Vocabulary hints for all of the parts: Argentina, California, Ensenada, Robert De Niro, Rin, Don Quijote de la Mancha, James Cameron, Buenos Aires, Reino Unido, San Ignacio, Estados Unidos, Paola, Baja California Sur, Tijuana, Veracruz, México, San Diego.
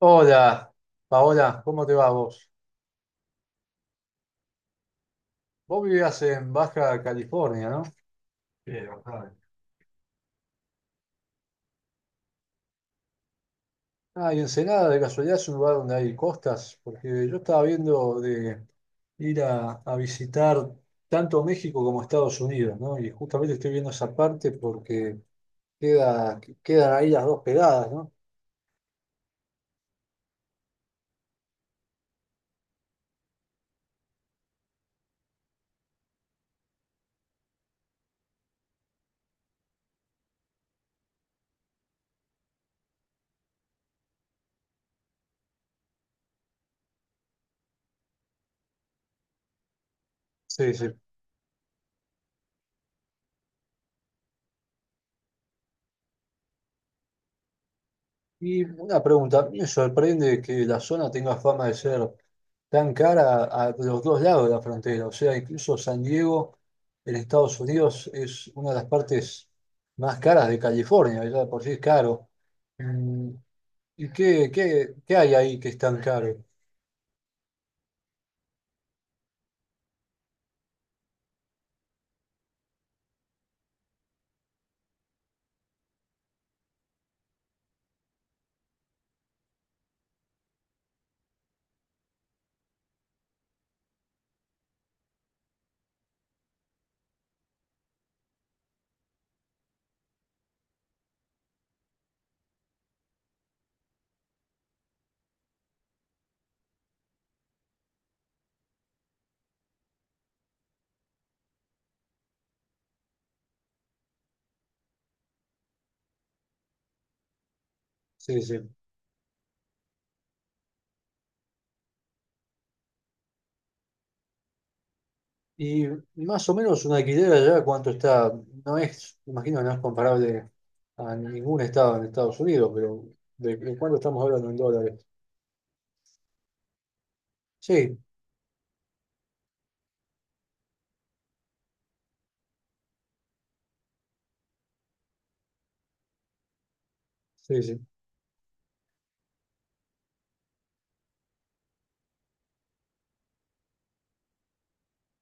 Hola, Paola, ¿cómo te va vos? Vos vivías en Baja California, ¿no? Sí, bastante. Ah, y Ensenada, de casualidad, es un lugar donde hay costas, porque yo estaba viendo de ir a visitar tanto México como Estados Unidos, ¿no? Y justamente estoy viendo esa parte porque quedan ahí las dos pegadas, ¿no? Sí, sí. Y una pregunta, me sorprende que la zona tenga fama de ser tan cara a los dos lados de la frontera. O sea, incluso San Diego en Estados Unidos es una de las partes más caras de California, ya de por sí es caro. Mm, ¿Y qué hay ahí que es tan caro? Sí, sí. Y más o menos un alquiler allá, ¿cuánto está? Imagino, no es comparable a ningún estado en Estados Unidos, pero ¿de cuánto estamos hablando en dólares? Sí, sí, sí.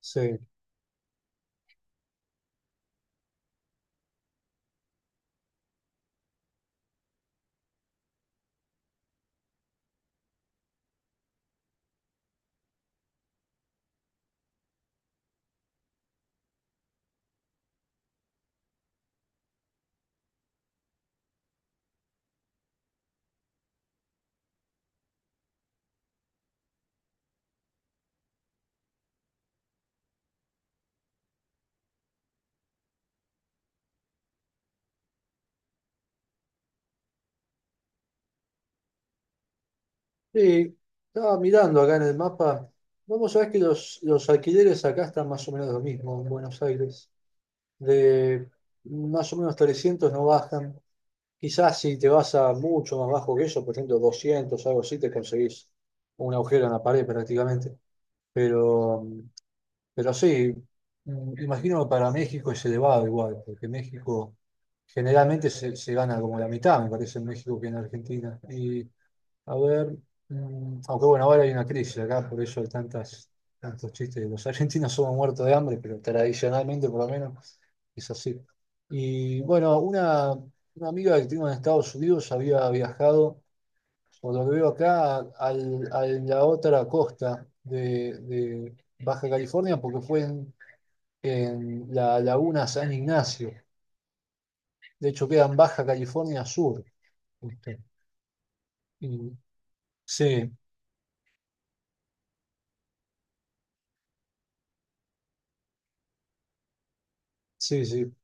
Sí. Sí, estaba mirando acá en el mapa. Vamos a ver que los alquileres acá están más o menos lo mismo en Buenos Aires. De más o menos 300 no bajan. Quizás si te vas a mucho más bajo que eso, por ejemplo 200 algo así, te conseguís un agujero en la pared prácticamente. Pero, pero sí, imagino que para México es elevado igual, porque México generalmente se gana como la mitad, me parece, en México que en Argentina. Y a ver, aunque bueno, ahora hay una crisis acá, por eso hay tantos chistes. Los argentinos somos muertos de hambre, pero tradicionalmente por lo menos es así. Y bueno, una amiga que tengo en Estados Unidos había viajado, por lo que veo acá, a la otra costa de Baja California, porque fue en la laguna San Ignacio. De hecho, queda en Baja California Sur. ¿Viste? Y- sí, sí, sí,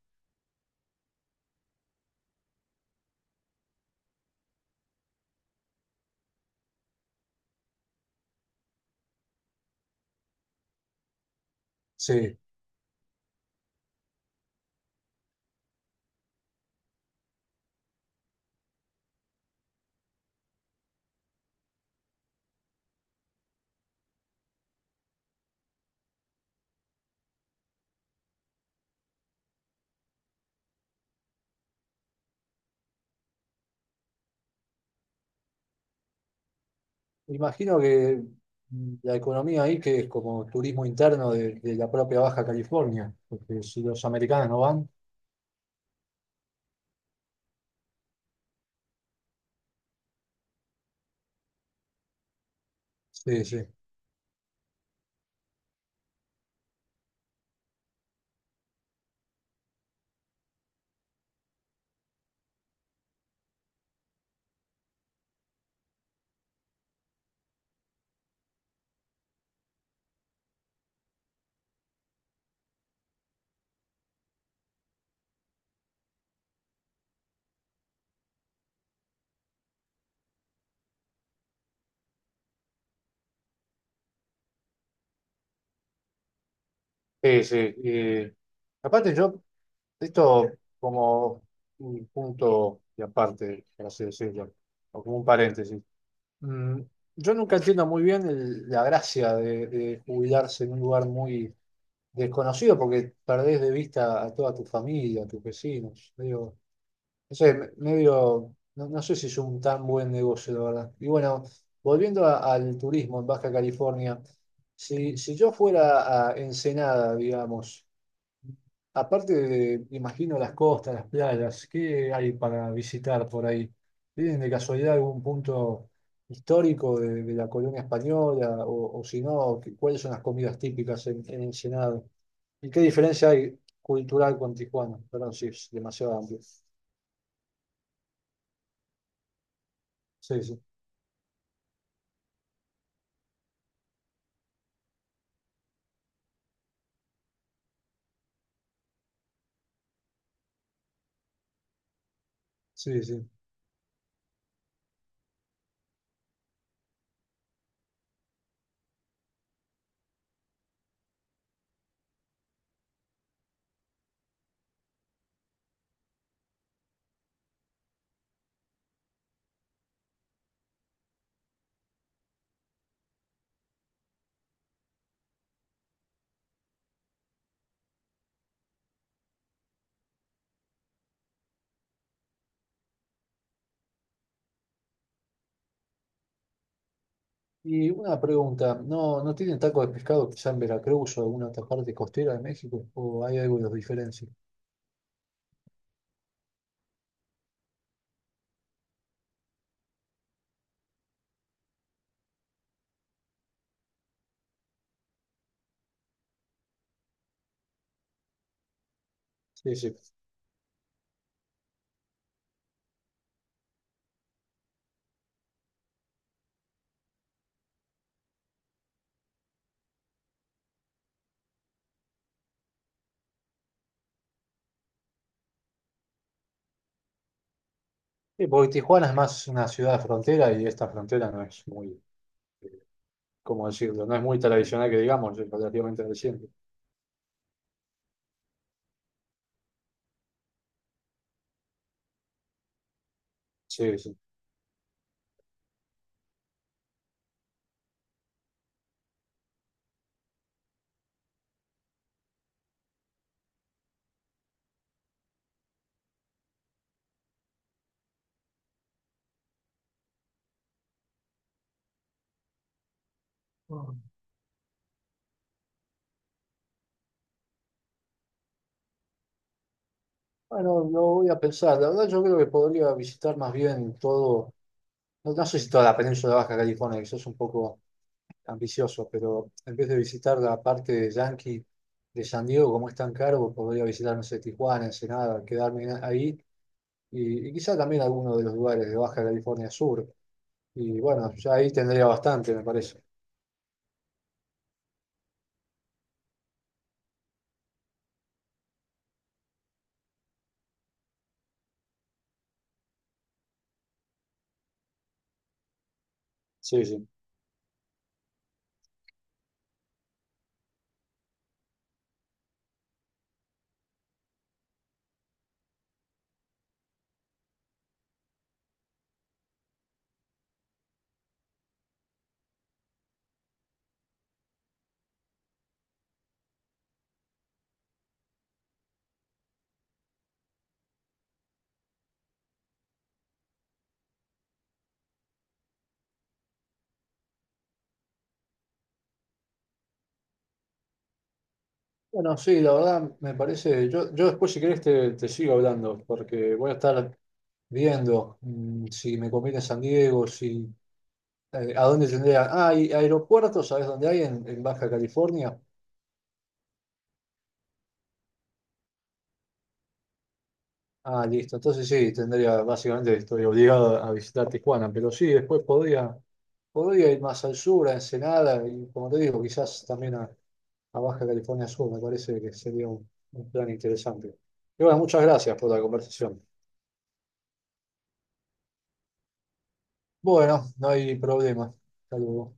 sí. Imagino que la economía ahí, que es como turismo interno de la propia Baja California, porque si los americanos no van, sí, sí. Sí, sí, eh, aparte yo, esto como un punto y aparte, por así decirlo, o como un paréntesis. Mm, yo nunca entiendo muy bien la gracia de jubilarse en un lugar muy desconocido, porque perdés de vista a toda tu familia, a tus vecinos. Digo, no sé, medio, no sé si es un tan buen negocio, la verdad. Y bueno, volviendo al turismo en Baja California, si yo fuera a Ensenada, digamos, aparte de, imagino, las costas, las playas, ¿qué hay para visitar por ahí? ¿Tienen de casualidad algún punto histórico de la colonia española? O si no, ¿cuáles son las comidas típicas en Ensenada? ¿Y qué diferencia hay cultural con Tijuana? Perdón, sí, es demasiado amplio. Sí, sí, sí, sí. Y una pregunta, ¿no, no tienen tacos de pescado quizá en Veracruz o alguna otra parte costera de México? ¿O hay algo que los diferencia? Sí, sí. Sí, porque Tijuana es más una ciudad de frontera y esta frontera no es muy, eh, ¿cómo decirlo? No es muy tradicional que digamos, es relativamente reciente. Sí, sí. Ah. Bueno, lo voy a pensar. La verdad yo creo que podría visitar más bien todo, no sé si toda la península de Baja California, quizás un poco ambicioso, pero en vez de visitar la parte de Yankee de San Diego, como es tan caro, podría visitar, no sé, Tijuana, Ensenada, quedarme ahí y quizá también alguno de los lugares de Baja California Sur. Y bueno, ya ahí tendría bastante, me parece. Sí, sí. Bueno, sí, la verdad me parece, yo después si querés te sigo hablando, porque voy a estar viendo si me conviene San Diego, si a dónde tendría... Ah, ¿hay aeropuertos, ¿sabes dónde hay en Baja California? Ah, listo. Entonces sí, tendría, básicamente estoy obligado a visitar Tijuana, pero sí, después podría, podría ir más al sur, a Ensenada, y como te digo, quizás también a Baja California Sur, me parece que sería un plan interesante. Y bueno, muchas gracias por la conversación. Bueno, no hay problema. Saludos.